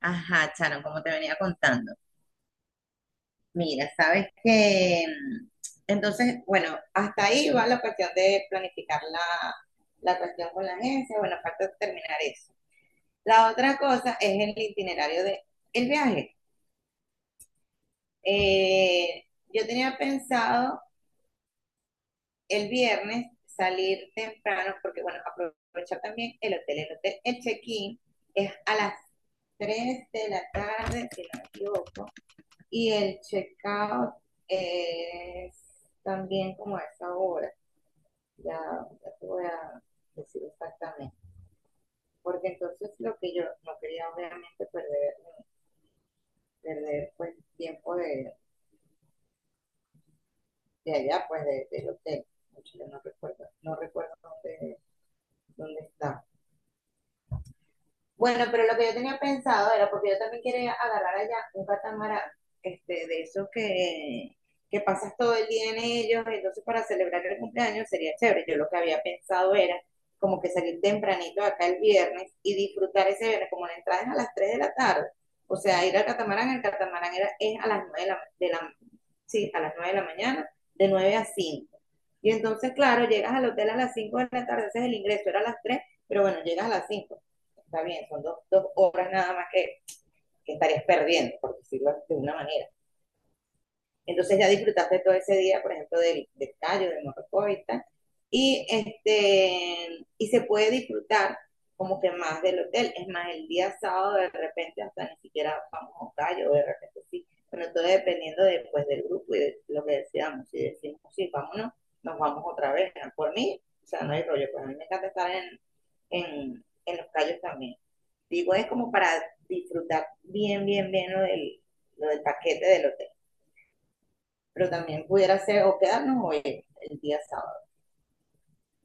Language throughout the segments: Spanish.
Ajá, Charon, como te venía contando. Mira, sabes que entonces, bueno, hasta ahí va la cuestión de planificar la cuestión con la agencia. Bueno, falta terminar eso. La otra cosa es el itinerario de el viaje. Eh, yo tenía pensado el viernes salir temprano, porque bueno, aprovechar también el hotel. El hotel, el check-in es a las 3 de la tarde, si no me equivoco. Y el checkout es también como a esa hora. Ya, ya te voy a decir exactamente. Porque entonces lo que yo no quería obviamente perder, perder pues tiempo de allá, pues del hotel. Yo no recuerdo, no recuerdo dónde está. Bueno, pero lo que yo tenía pensado era porque yo también quería agarrar allá un catamarán, este, de esos que pasas todo el día en ellos, entonces para celebrar el cumpleaños sería chévere. Yo lo que había pensado era como que salir tempranito de acá el viernes y disfrutar ese viernes, como la entrada es a las 3 de la tarde. O sea, ir al catamarán, el catamarán era, es a las 9 de la, sí, a las 9 de la mañana, de 9 a 5. Y entonces, claro, llegas al hotel a las 5 de la tarde, ese es el ingreso, era a las 3, pero bueno, llegas a las 5. Está bien, son dos horas nada más que estarías perdiendo, por decirlo de una manera. Entonces ya disfrutaste todo ese día, por ejemplo, del callo, del morrocoy y tal. Y, este, y se puede disfrutar como que más del hotel. Es más, el día sábado de repente hasta ni siquiera vamos a un callo, de repente sí. Bueno, todo dependiendo después del grupo y de lo que decidamos. Si decimos, sí, vámonos, nos vamos otra vez, ¿no? Por mí, o sea, no hay rollo, pues a mí me encanta estar en los callos también. Digo, es como para disfrutar bien, bien, bien lo del paquete del hotel, pero también pudiera ser o quedarnos hoy el día sábado.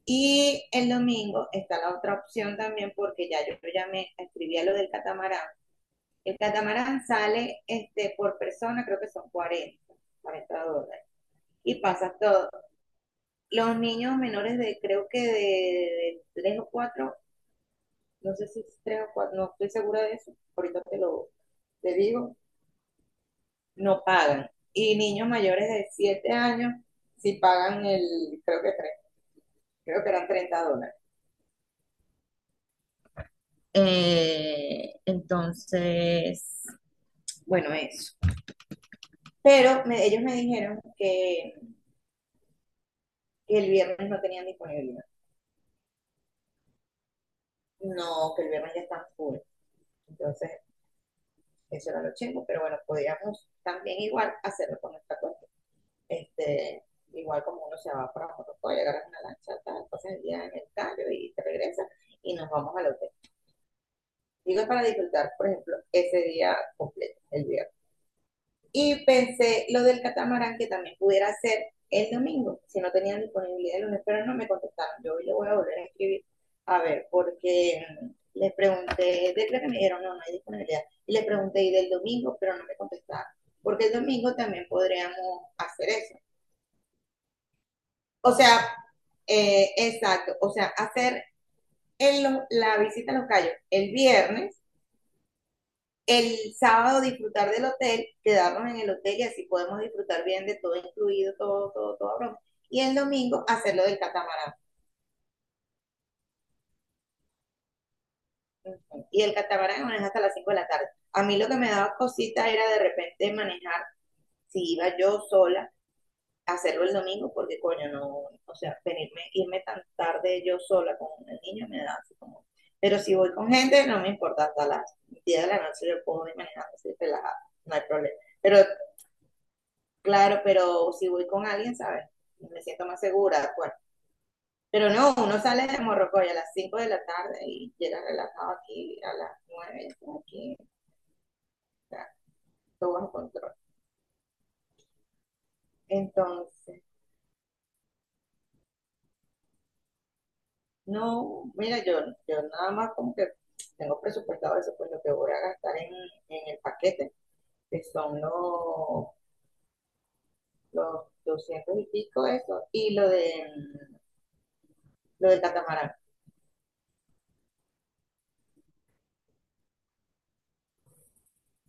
Y el domingo está la otra opción también porque ya yo ya me escribí a lo del catamarán. El catamarán sale este, por persona, creo que son 40 $40. Y pasa todo. Los niños menores de, creo que de 3 o cuatro, no sé si es 3 o cuatro, no estoy segura de eso, ahorita te lo te digo, no pagan. Y niños mayores de 7 años, si pagan el, creo que tres, creo que eran $30. Entonces, bueno, eso. Pero ellos me dijeron que el viernes no tenían disponibilidad. No, que el viernes ya están full. Entonces, eso era lo chingo, pero bueno, podríamos también igual hacerlo con nuestra cuenta. Este, igual como uno se va para Morrocoy, agarras una lancha, tal, pasas el día en el callo y te regresas y nos vamos al hotel. Digo, para disfrutar, por ejemplo, ese día completo, el viernes. Y pensé lo del catamarán que también pudiera ser el domingo, si no tenían disponibilidad el lunes, pero no me contestaron. Yo hoy le voy a volver a escribir, a ver, porque les pregunté, de creo que me dijeron, no, no hay disponibilidad. Y les pregunté, y del domingo, pero no me contestaron, porque el domingo también podríamos hacer eso. O sea, exacto, o sea, hacer el, la visita a los cayos el viernes, el sábado disfrutar del hotel, quedarnos en el hotel y así podemos disfrutar bien de todo incluido, todo, todo, todo. Broma. Y el domingo hacerlo del catamarán. Y el catamarán maneja hasta las 5 de la tarde. A mí lo que me daba cosita era de repente manejar, si iba yo sola, hacerlo el domingo, porque coño, no, o sea, venirme, irme tan tarde yo sola con el niño me da así como. Pero si voy con gente, no me importa, hasta las 10 de la noche yo puedo ir manejando así relajada, no hay problema. Pero Claro, pero si voy con alguien, ¿sabes? Me siento más segura, de acuerdo. Pero no, uno sale de Morrocoy a las 5 de la tarde y llega relajado aquí a las 9, aquí, está todo bajo control. Entonces, no, mira, yo nada más como que tengo presupuestado eso, pues lo que voy a gastar en el paquete, que son los 200 y pico eso, y lo del catamarán.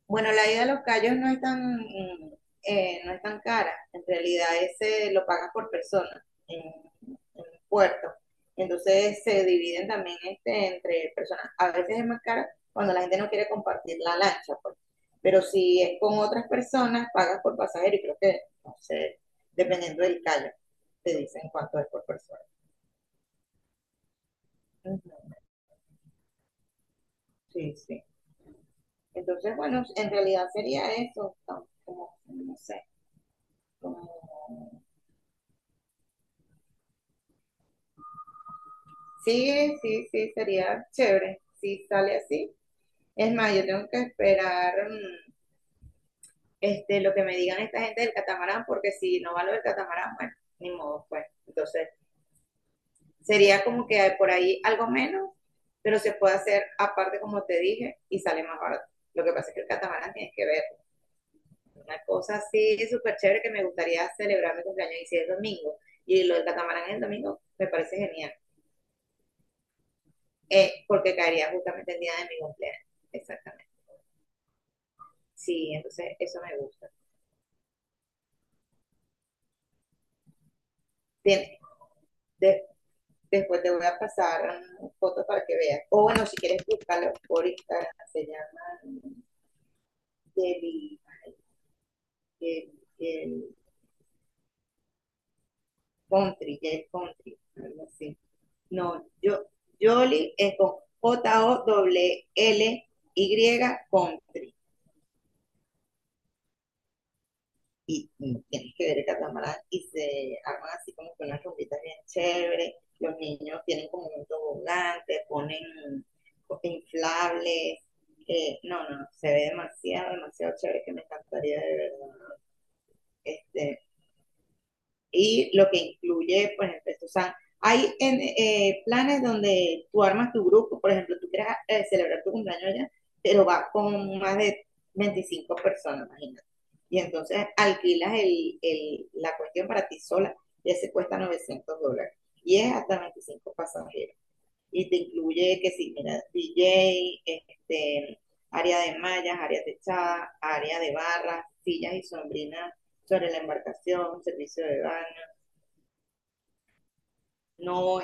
Bueno, la ida a los Cayos no es tan, no es tan cara. En realidad, ese lo pagas por persona en puerto. Entonces se dividen también este, entre personas. A veces es más cara cuando la gente no quiere compartir la lancha, pues. Pero si es con otras personas, pagas por pasajero y creo que, no sé, dependiendo del callo, te dicen cuánto es por persona. Ujú. Sí, sí. Entonces, bueno, en realidad sería eso, como, no sé, como. Sí, sí, sí, sería chévere si sale así. Es más, yo tengo que esperar este, lo que me digan esta gente del catamarán, porque si no va lo del catamarán, bueno, ni modo, pues. Entonces, sería como que hay por ahí algo menos, pero se puede hacer aparte, como te dije, y sale más barato. Lo que pasa es que el catamarán tienes que ver una cosa así súper chévere que me gustaría celebrar mi cumpleaños y si es domingo, y lo del catamarán es el domingo, me parece genial, porque caería justamente el día de mi cumpleaños. Exactamente. Sí, entonces eso me gusta. Bien, de- después te voy a pasar fotos para que veas. O bueno, si quieres buscarlo por Instagram, se llama Jelly, ay, Jelly, Jelly Country, Jelly Country, algo así. No, yo, Jolly es con J-O-L-L-Y Country. Y tienes que ver el catamarán y se arman así como que unas rumbitas bien chéveres. Los niños tienen como un tobogán, te ponen inflables. No, no, se ve demasiado, demasiado chévere que me encantaría de verdad este, y lo que incluye, por ejemplo, esto, o sea, hay en, planes donde tú armas tu grupo, por ejemplo, tú quieres celebrar tu cumpleaños allá, pero vas con más de 25 personas, imagínate. Y entonces alquilas la cuestión para ti sola, y ese cuesta $900, y es hasta 25 pasajeros. Y te incluye que si, sí, mira, DJ, este, área de mallas, área techada, área de barras, sillas y sombrinas sobre la embarcación, servicio de baño. No,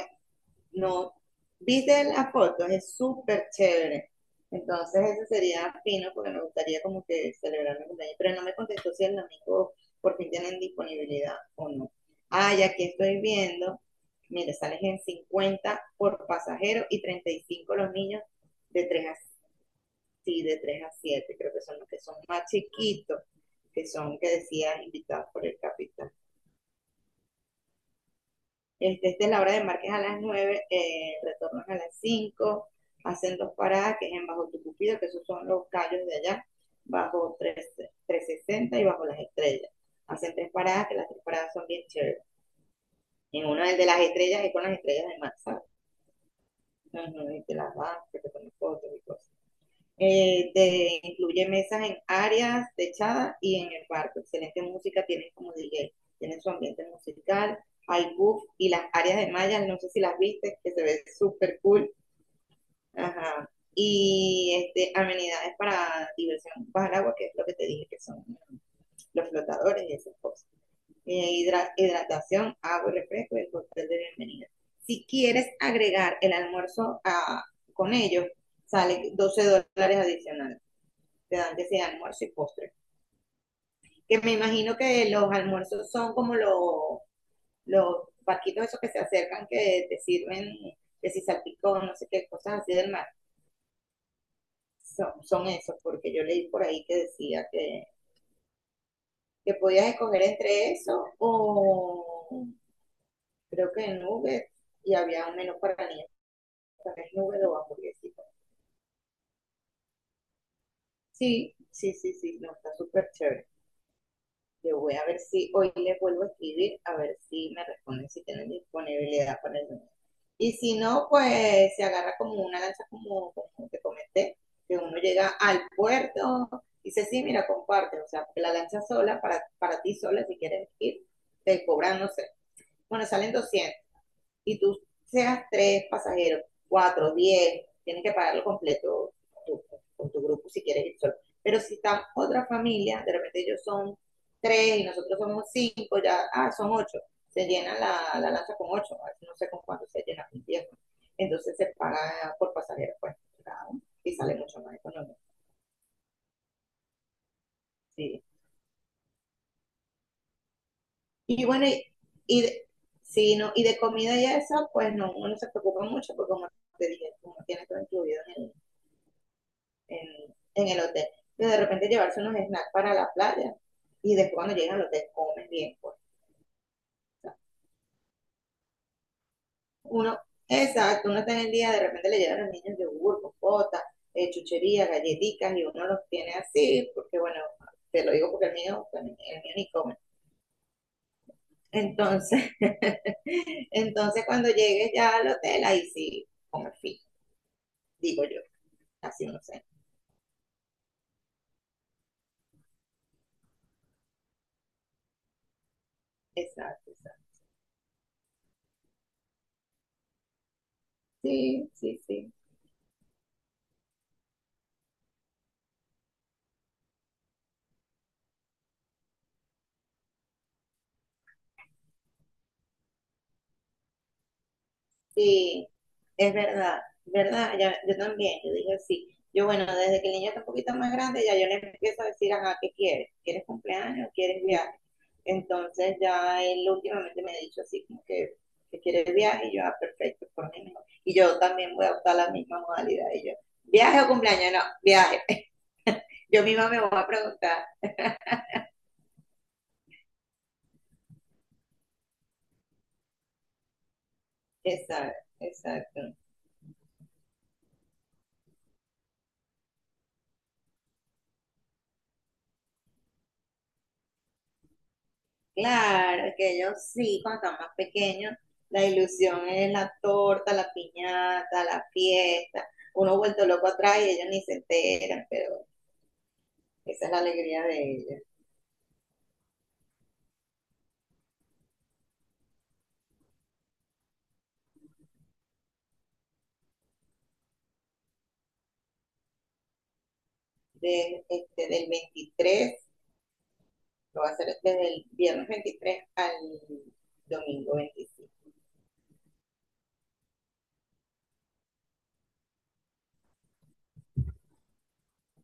no, viste la foto, es súper chévere. Entonces, eso sería fino porque me gustaría como que celebrar mi cumpleaños, pero no me contestó si el domingo por fin tienen disponibilidad o no. Ah, y aquí estoy viendo, mire, sales en 50 por pasajero y 35 los niños de 3 a, sí, de 3 a 7. Creo que son los que son más chiquitos, que son, que decía, invitados por el capitán. Este, esta es la hora de Márquez a las nueve, retornos a las cinco, hacen dos paradas, que es en Bajo Tucupido, que esos son los callos de allá, bajo 360 y bajo las estrellas. Hacen tres paradas, que las tres paradas son bien chéveres. En una de las estrellas es con las estrellas de mar, ¿sabes? Ujú. Y te las vas, que te pones fotos y cosas. Incluye mesas en áreas techadas y en el barco. Excelente música, tienen como DJ, tienen su ambiente musical, hay buff y las áreas de mallas, no sé si las viste, que se ve súper cool. Ajá. Y este, amenidades para diversión bajo el agua, que es lo que te dije, que son los flotadores y esas cosas. Hidratación, agua y refresco y el cóctel de bienvenida. Si quieres agregar el almuerzo con ellos, sale $12 adicionales, te dan que sea almuerzo y postre. Que me imagino que los almuerzos son como los barquitos esos que se acercan que te sirven, que si salpicón, no sé qué, cosas así del mar. Son, son esos, porque yo leí por ahí que decía que, podías escoger entre eso o creo que nubes y había un menú para niños, también nubes o hamburguesitas. Sí, sí, sí, sí, no, está súper chévere. Yo voy a ver si hoy les vuelvo a escribir, a ver si me responden si tienen disponibilidad para el lunes. Y si no, pues se agarra como una lancha, como te comenté, que uno llega al puerto, y dice, sí, mira, comparte, o sea, porque la lancha sola, para ti sola, si quieres ir, te cobran, no sé, bueno, salen 200 y tú seas tres pasajeros, cuatro, diez, tienes que pagarlo completo tú, con tu grupo si quieres ir solo. Pero si está otra familia, de repente ellos son tres y nosotros somos cinco, ya, ah, son ocho, se llena la lancha con ocho, no sé con cuánto se llena con diez, ¿no? Entonces se paga por pasajero, pues, ¿no? Y sale mucho más económico. Sí. Y bueno, de, sí, no, y de comida y eso, pues no, uno se preocupa mucho porque como te dije, uno tiene todo incluido en el hotel. Pero de repente llevarse unos snacks para la playa y después cuando llegan al hotel comen bien. Pues. Uno, exacto, uno está en el día, de repente le llevan a los niños yogur, compota, chuchería, galletitas y uno los tiene así, porque bueno, te lo digo porque el mío, bueno, el mío ni come. Entonces, entonces cuando llegues ya al hotel, ahí sí, come fin, digo yo. Así no sé. Exacto, exacto. Sí, sí, sí. Sí, es verdad, ¿verdad? Yo también, yo dije sí. Yo, bueno, desde que el niño está un poquito más grande, ya yo le empiezo a decir, ajá, ¿qué quieres? ¿Quieres cumpleaños? ¿Quieres viaje? Entonces ya él últimamente me ha dicho así, como que quiere viaje, y yo, ah, perfecto, por mí no. Y yo también voy a optar la misma modalidad, y yo, ¿viaje o cumpleaños? No, viaje. Yo misma me voy a preguntar, exacto, exacto. Claro, que ellos sí, cuando están más pequeños, la ilusión es la torta, la piñata, la fiesta. Uno vuelto loco atrás y ellos ni se enteran, pero esa es la alegría de ellos. De, este, del 23, lo va a hacer desde el viernes 23 al domingo 25.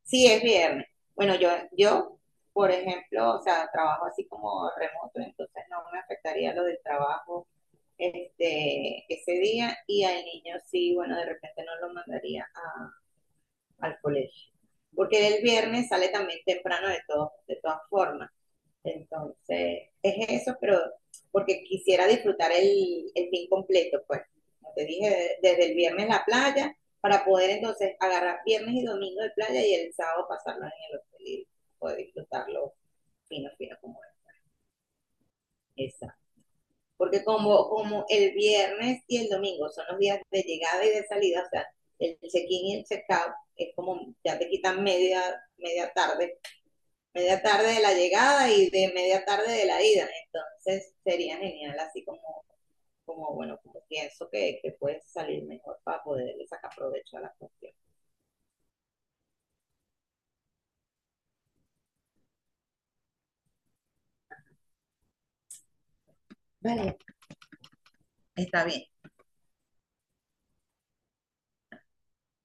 Sí, es viernes. Bueno, yo, por ejemplo, o sea, trabajo así como remoto, entonces no me afectaría lo del trabajo este, ese día y al niño sí, bueno, de repente no lo mandaría al colegio. Porque el viernes sale también temprano de, todo, de todas formas. Entonces, es eso, pero porque quisiera disfrutar el fin completo, pues. Como te dije, desde el viernes la playa, para poder entonces agarrar viernes y domingo de playa y el sábado pasarlo en el hotel y poder disfrutarlo fino, fino como es. Porque como el viernes y el domingo son los días de llegada y de salida, o sea, el check-in y el check-out es como ya te quitan media tarde, media tarde de la llegada y de media tarde de la ida. Entonces sería genial, así como bueno, como pienso que puedes salir mejor para poderle sacar provecho a la cuestión. Vale, está bien.